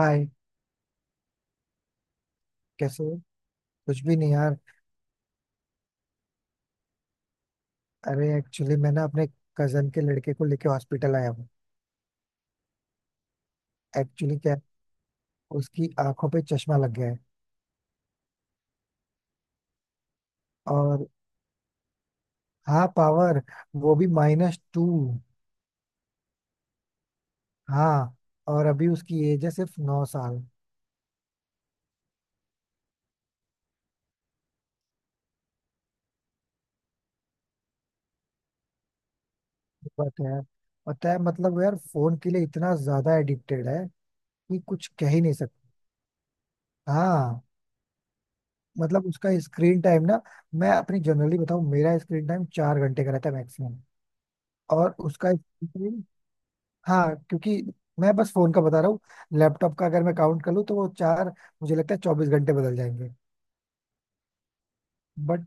हाय। कैसे हो? कुछ भी नहीं यार। अरे एक्चुअली मैं ना अपने कजन के लड़के को लेके हॉस्पिटल आया हूँ। एक्चुअली क्या है, उसकी आंखों पे चश्मा लग गया है। और हाँ, पावर वो भी -2। हाँ। और अभी उसकी एज है सिर्फ 9 साल। बात है, पता है मतलब वो यार फोन के लिए इतना ज्यादा एडिक्टेड है कि कुछ कह ही नहीं सकता। हाँ, मतलब उसका स्क्रीन टाइम ना, मैं अपनी जनरली बताऊँ, मेरा स्क्रीन टाइम 4 घंटे का रहता है मैक्सिमम। और उसका, हाँ, क्योंकि मैं बस फोन का बता रहा हूँ। लैपटॉप का अगर मैं काउंट कर लूँ तो वो चार, मुझे लगता है 24 घंटे बदल जाएंगे। बट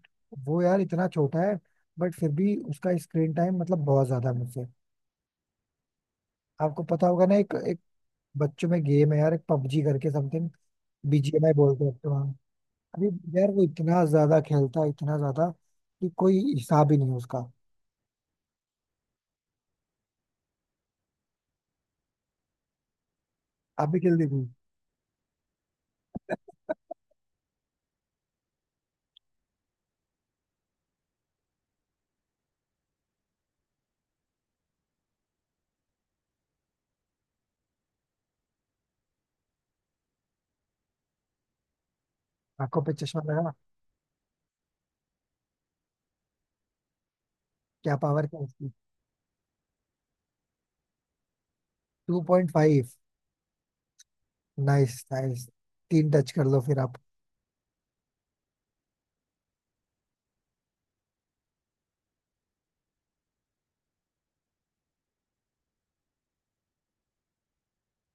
वो यार इतना छोटा है, बट फिर भी उसका स्क्रीन टाइम मतलब बहुत ज्यादा है मुझसे। आपको पता होगा ना, एक एक बच्चों में गेम है यार, एक पबजी करके समथिंग। बीजीएमआई बोलते हैं तो हाँ। अभी यार वो इतना ज्यादा खेलता है, इतना ज्यादा कि कोई हिसाब ही नहीं है उसका। आप भी खेल देखिए। आंखों पे चश्मा लगा, क्या पावर क्या उसकी? 2.5। Nice nice. तीन टच कर लो फिर आप।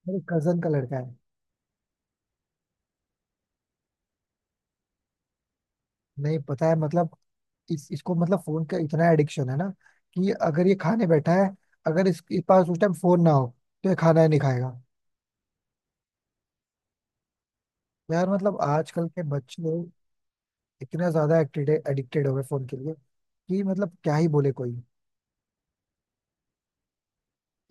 मेरे कजन का लड़का है। नहीं पता है मतलब इसको मतलब फोन का इतना एडिक्शन है ना कि अगर ये खाने बैठा है, अगर इस पास उस टाइम फोन ना हो तो ये खाना ही नहीं खाएगा। यार मतलब आजकल के बच्चे लोग इतना ज्यादा एडिक्टेड हो गए फोन के लिए कि मतलब क्या ही बोले कोई।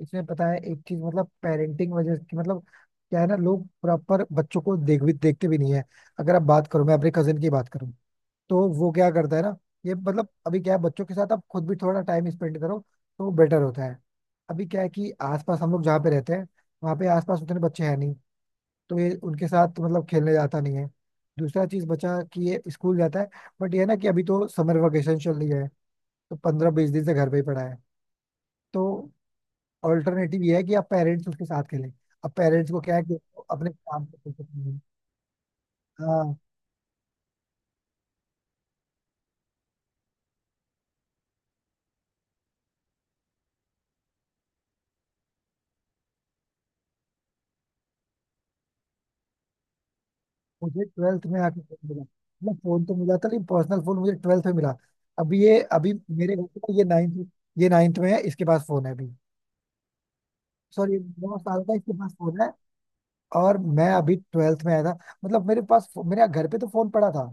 इसमें पता है एक चीज, मतलब पेरेंटिंग वजह की, मतलब क्या है ना, लोग प्रॉपर बच्चों को देख भी देखते भी नहीं है। अगर आप बात करो, मैं अपने कजन की बात करूँ तो वो क्या करता है ना, ये मतलब अभी क्या है, बच्चों के साथ आप खुद भी थोड़ा टाइम स्पेंड करो तो बेटर होता है। अभी क्या है कि आसपास हम लोग जहाँ पे रहते हैं, वहाँ पे आसपास उतने बच्चे हैं नहीं, तो ये उनके साथ मतलब खेलने जाता नहीं है। दूसरा चीज बचा कि ये स्कूल जाता है, बट ये है ना कि अभी तो समर वेकेशन चल रही है, तो 15-20 दिन से घर पे ही पड़ा है। तो ऑल्टरनेटिव ये है कि आप पेरेंट्स उसके साथ खेलें। अब पेरेंट्स को क्या है कि अपने काम पे फोकस नहीं है। हाँ। मुझे 12th में आके फोन मिला, मतलब फोन तो मिला था लेकिन पर्सनल फोन मुझे 12th में मिला। अभी ये अभी मेरे घर पे ये नाइन्थ में है, इसके पास फोन है अभी। सॉरी, 9 साल का इसके पास फोन है, और मैं अभी 12th में आया था। मतलब मेरे पास, मेरे घर पे तो फोन पड़ा था।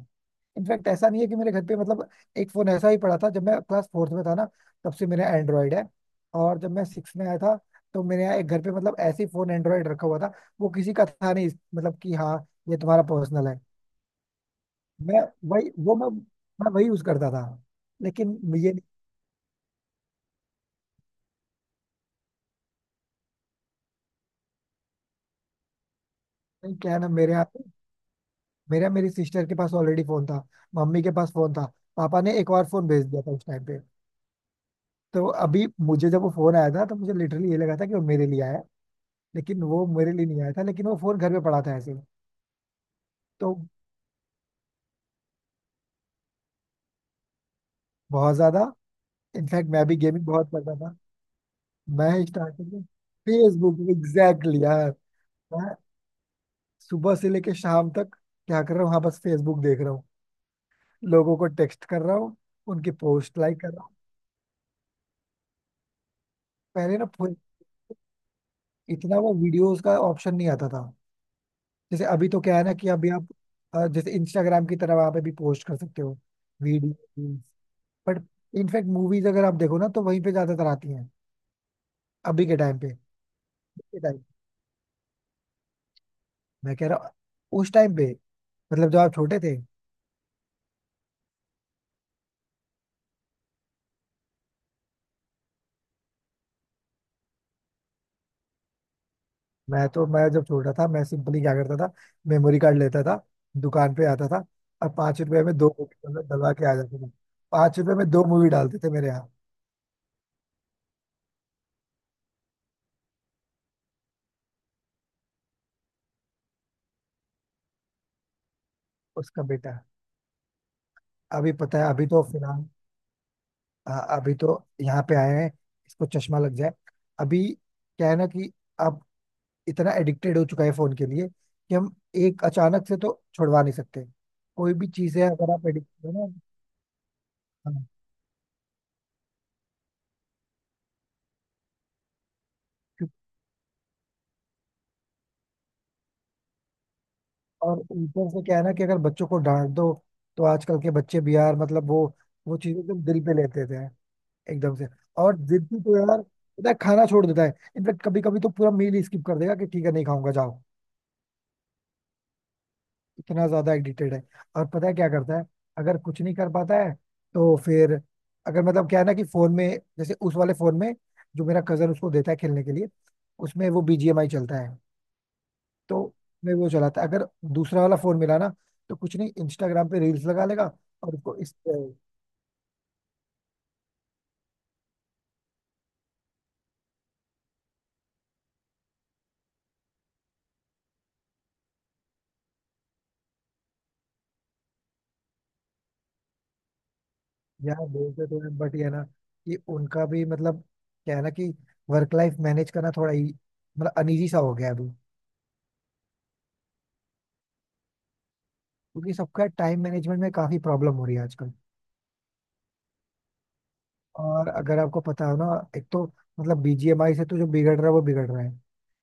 इनफैक्ट ऐसा नहीं है कि मेरे घर पे मतलब एक फोन ऐसा ही पड़ा था, जब मैं क्लास 4th में था ना, तब से मेरा एंड्रॉयड है। और जब मैं सिक्स में आया था, तो मेरे यहाँ एक घर पे मतलब ऐसे ही फोन एंड्रॉयड रखा हुआ था, वो किसी का था नहीं, मतलब कि हाँ, ये तुम्हारा पर्सनल है। मैं वही वो मैं मैं वही यूज करता था। लेकिन ये, नहीं क्या है ना, मेरे यहाँ मेरी सिस्टर के पास ऑलरेडी फोन था, मम्मी के पास फोन था, पापा ने एक और फोन भेज दिया था उस टाइम पे। तो अभी मुझे जब वो फोन आया था तो मुझे लिटरली ये लगा था कि वो मेरे लिए आया है, लेकिन वो मेरे लिए नहीं आया था, लेकिन वो फोन घर पे पड़ा था ऐसे ही। तो बहुत ज्यादा, इनफैक्ट मैं भी गेमिंग बहुत करता था। मैं स्टार्टिंग में फेसबुक, एग्जैक्टली यार। मैं सुबह से लेके शाम तक क्या कर रहा हूँ, हाँ बस फेसबुक देख रहा हूँ, लोगों को टेक्स्ट कर रहा हूँ, उनकी पोस्ट लाइक कर रहा हूँ। पहले ना इतना वो वीडियोस का ऑप्शन नहीं आता था, जैसे अभी तो क्या है ना कि अभी आप, जैसे इंस्टाग्राम की तरह वहां पे भी पोस्ट कर सकते हो वीडियो। बट इनफैक्ट मूवीज अगर आप देखो ना तो वहीं पे ज्यादातर आती हैं। अभी के टाइम पे, के टाइम मैं कह रहा हूँ उस टाइम पे, मतलब जब आप छोटे थे। मैं तो, मैं जब छोटा था मैं सिंपली क्या करता था, मेमोरी कार्ड लेता था, दुकान पे आता था, और 5 रुपए में दो मूवी डलवा के आ जाता था। 5 रुपए में दो मूवी डालते थे मेरे यहाँ। उसका बेटा। अभी पता है अभी तो फिलहाल, अ, अभी तो यहाँ पे आए हैं, इसको चश्मा लग जाए अभी। क्या है ना कि अब इतना एडिक्टेड हो चुका है फोन के लिए कि हम एक अचानक से तो छुड़वा नहीं सकते। कोई भी चीज है अगर आप एडिक्टेड हो ना। हाँ। क्यों- और ऊपर से क्या है ना कि अगर बच्चों को डांट दो, तो आजकल के बच्चे भी यार मतलब वो चीजें एकदम दिल पे लेते थे एकदम से। और जिद्दी तो यार पता है, खाना छोड़ देता है। इनफेक्ट कभी कभी तो पूरा मील ही स्किप कर देगा कि ठीक है नहीं खाऊंगा जाओ। इतना ज्यादा एडिक्टेड है। और पता है क्या करता है, अगर कुछ नहीं कर पाता है तो फिर, अगर मतलब क्या है ना कि फोन में, जैसे उस वाले फोन में जो मेरा कजन उसको देता है खेलने के लिए, उसमें वो बीजीएमआई चलता है। तो मैं वो चलाता है अगर दूसरा वाला फोन मिला ना, तो कुछ नहीं इंस्टाग्राम पे रील्स लगा लेगा। और उसको इस। यार बोलते तो हैं बट ये है ना कि उनका भी मतलब क्या है ना कि वर्क लाइफ मैनेज करना थोड़ा ही मतलब अनईजी सा हो गया है अभी। क्योंकि सबका टाइम मैनेजमेंट में काफी प्रॉब्लम हो रही है आजकल। और अगर आपको पता हो ना, एक तो मतलब बीजीएमआई से तो जो बिगड़ रहा है वो बिगड़ रहा है।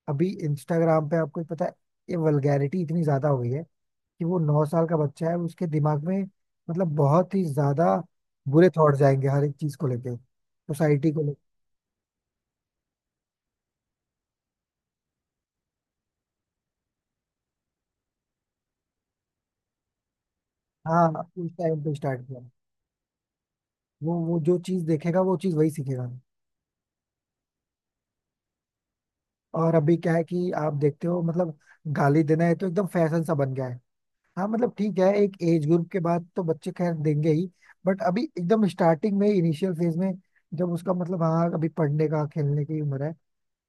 अभी इंस्टाग्राम पे आपको पता है ये वल्गैरिटी इतनी ज्यादा हो गई है कि वो 9 साल का बच्चा है, उसके दिमाग में मतलब बहुत ही ज्यादा बुरे थॉट जाएंगे, हर एक चीज को लेके, सोसाइटी को लेके। हाँ उस टाइम पे स्टार्ट किया, वो जो चीज देखेगा वो चीज वही सीखेगा। और अभी क्या है कि आप देखते हो मतलब गाली देना है तो एकदम फैशन सा बन गया है। हाँ मतलब ठीक है, एक एज ग्रुप के बाद तो बच्चे खैर देंगे ही, बट अभी एकदम स्टार्टिंग में, इनिशियल फेज में, जब उसका मतलब हाँ अभी पढ़ने का खेलने की उम्र है,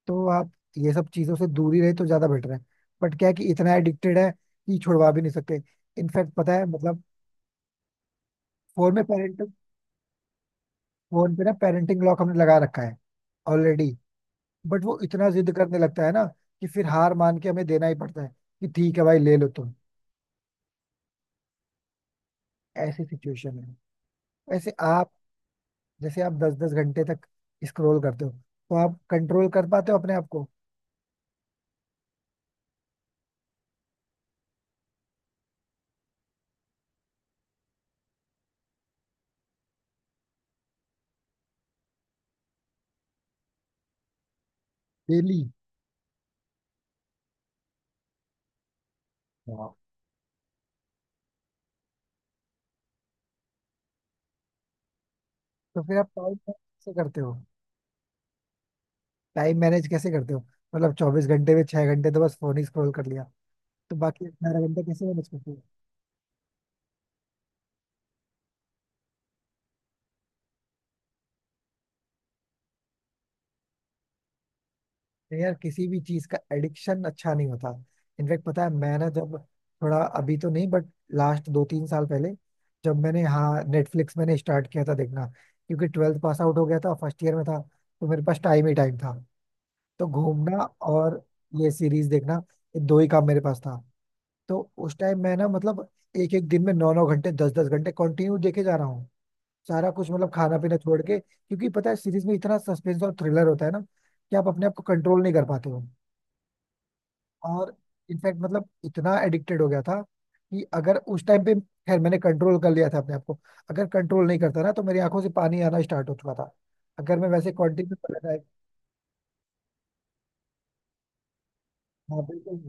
तो आप ये सब चीजों से दूरी रहे तो ज्यादा बेटर है। बट क्या है कि इतना एडिक्टेड है कि छुड़वा भी नहीं सकते। इनफैक्ट पता है मतलब फोन में पेरेंट फोन पे ना पेरेंटिंग लॉक हमने लगा रखा है ऑलरेडी। बट वो इतना जिद करने लगता है ना कि फिर हार मान के हमें देना ही पड़ता है कि ठीक है भाई ले लो तुम। ऐसी सिचुएशन है। वैसे आप जैसे आप 10 10 घंटे तक स्क्रॉल करते हो, तो आप कंट्रोल कर पाते हो अपने आप को? डेली? हाँ, तो फिर आप टाइम कैसे करते हो, टाइम मैनेज कैसे करते हो? मतलब 24 घंटे में 6 घंटे तो बस फोन ही स्क्रॉल कर लिया, तो बाकी 18 घंटे कैसे मैनेज करते हो? तो यार किसी भी चीज का एडिक्शन अच्छा नहीं होता। इनफैक्ट पता है मैं ना जब, थोड़ा अभी तो नहीं बट लास्ट 2-3 साल पहले, जब मैंने, हाँ, नेटफ्लिक्स मैंने स्टार्ट किया था देखना, क्योंकि 12th पास आउट हो गया था, फर्स्ट ईयर में था, तो मेरे पास टाइम ही टाइम था। तो घूमना और ये सीरीज देखना, ये दो ही काम मेरे पास था। तो उस टाइम मैं ना मतलब एक एक दिन में 9 9 घंटे 10 10 घंटे कंटिन्यू देखे जा रहा हूँ, सारा कुछ मतलब खाना पीना छोड़ के, क्योंकि पता है सीरीज में इतना सस्पेंस और थ्रिलर होता है ना कि आप अपने आप को कंट्रोल नहीं कर पाते हो। और इनफैक्ट मतलब इतना एडिक्टेड हो गया था कि अगर उस टाइम पे खैर मैंने कंट्रोल कर लिया था अपने आप को, अगर कंट्रोल नहीं करता ना तो मेरी आंखों से पानी आना स्टार्ट हो चुका था, अगर मैं वैसे कंटिन्यू कर रहा। हाँ बिल्कुल।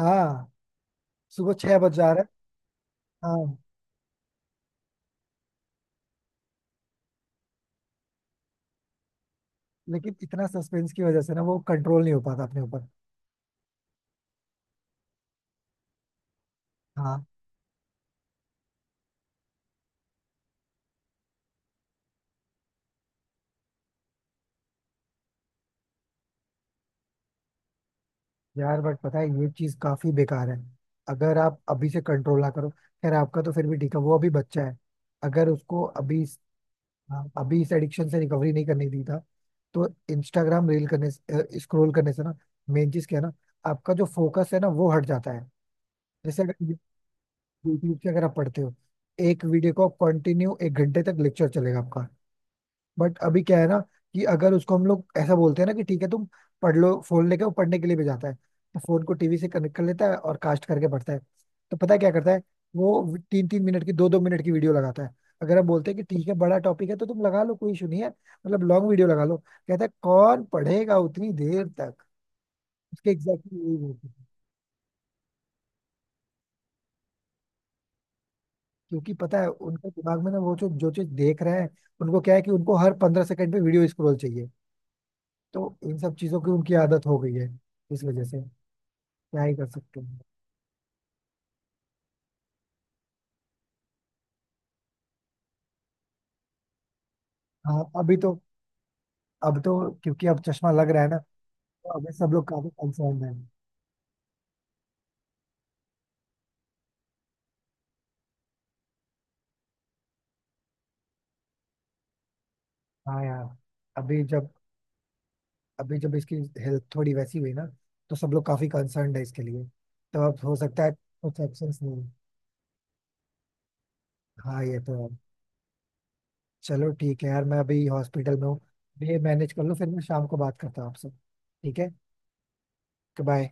हाँ। सुबह 6 बज जा रहा है। हाँ, लेकिन इतना सस्पेंस की वजह से ना वो कंट्रोल नहीं हो पाता अपने ऊपर। हाँ यार बट पता है ये चीज काफी बेकार है, अगर आप अभी से कंट्रोल ना करो, खैर आपका तो फिर भी ठीक है, वो अभी बच्चा है, अगर उसको अभी, हाँ, अभी इस एडिक्शन से रिकवरी नहीं करने दी था तो इंस्टाग्राम रील करने से स्क्रॉल करने से ना, मेन चीज क्या है ना, आपका जो फोकस है ना वो हट जाता है। जैसे अगर यूट्यूब से अगर आप पढ़ते हो, एक वीडियो को कंटिन्यू एक घंटे तक लेक्चर चलेगा आपका। बट अभी क्या है ना कि अगर उसको हम लोग ऐसा बोलते हैं ना कि ठीक है तुम पढ़ लो फोन लेके, वो पढ़ने के लिए भी जाता है तो फोन को टीवी से कनेक्ट कर लेता है और कास्ट करके पढ़ता है। तो पता है क्या करता है, वो 3 3 मिनट की, 2 2 मिनट की वीडियो लगाता है। अगर हम बोलते हैं कि ठीक है बड़ा टॉपिक है तो तुम लगा लो कोई इशू नहीं है, मतलब लॉन्ग वीडियो लगा लो, कहता है कौन पढ़ेगा उतनी देर तक। उसके एग्जैक्टली यही बोलते हैं, क्योंकि पता है उनके दिमाग में ना वो जो जो चीज देख रहे हैं, उनको क्या है कि उनको हर 15 सेकंड पे वीडियो स्क्रॉल चाहिए, तो इन सब चीजों की उनकी आदत हो गई है इस वजह से। क्या ही कर सकते हैं। हाँ अभी तो, अब तो क्योंकि अब चश्मा लग रहा है ना, तो अभी सब लोग काफी कंसर्न है। हाँ यार, अभी जब अभी जब इसकी हेल्थ थोड़ी वैसी हुई ना, तो सब लोग काफी कंसर्न है इसके लिए। तो अब हो सकता है कुछ एक्शंस, नहीं हाँ ये तो है। चलो ठीक है यार, मैं अभी हॉस्पिटल में हूँ, ये मैनेज कर लो, फिर मैं शाम को बात करता हूँ आपसे, ठीक है बाय।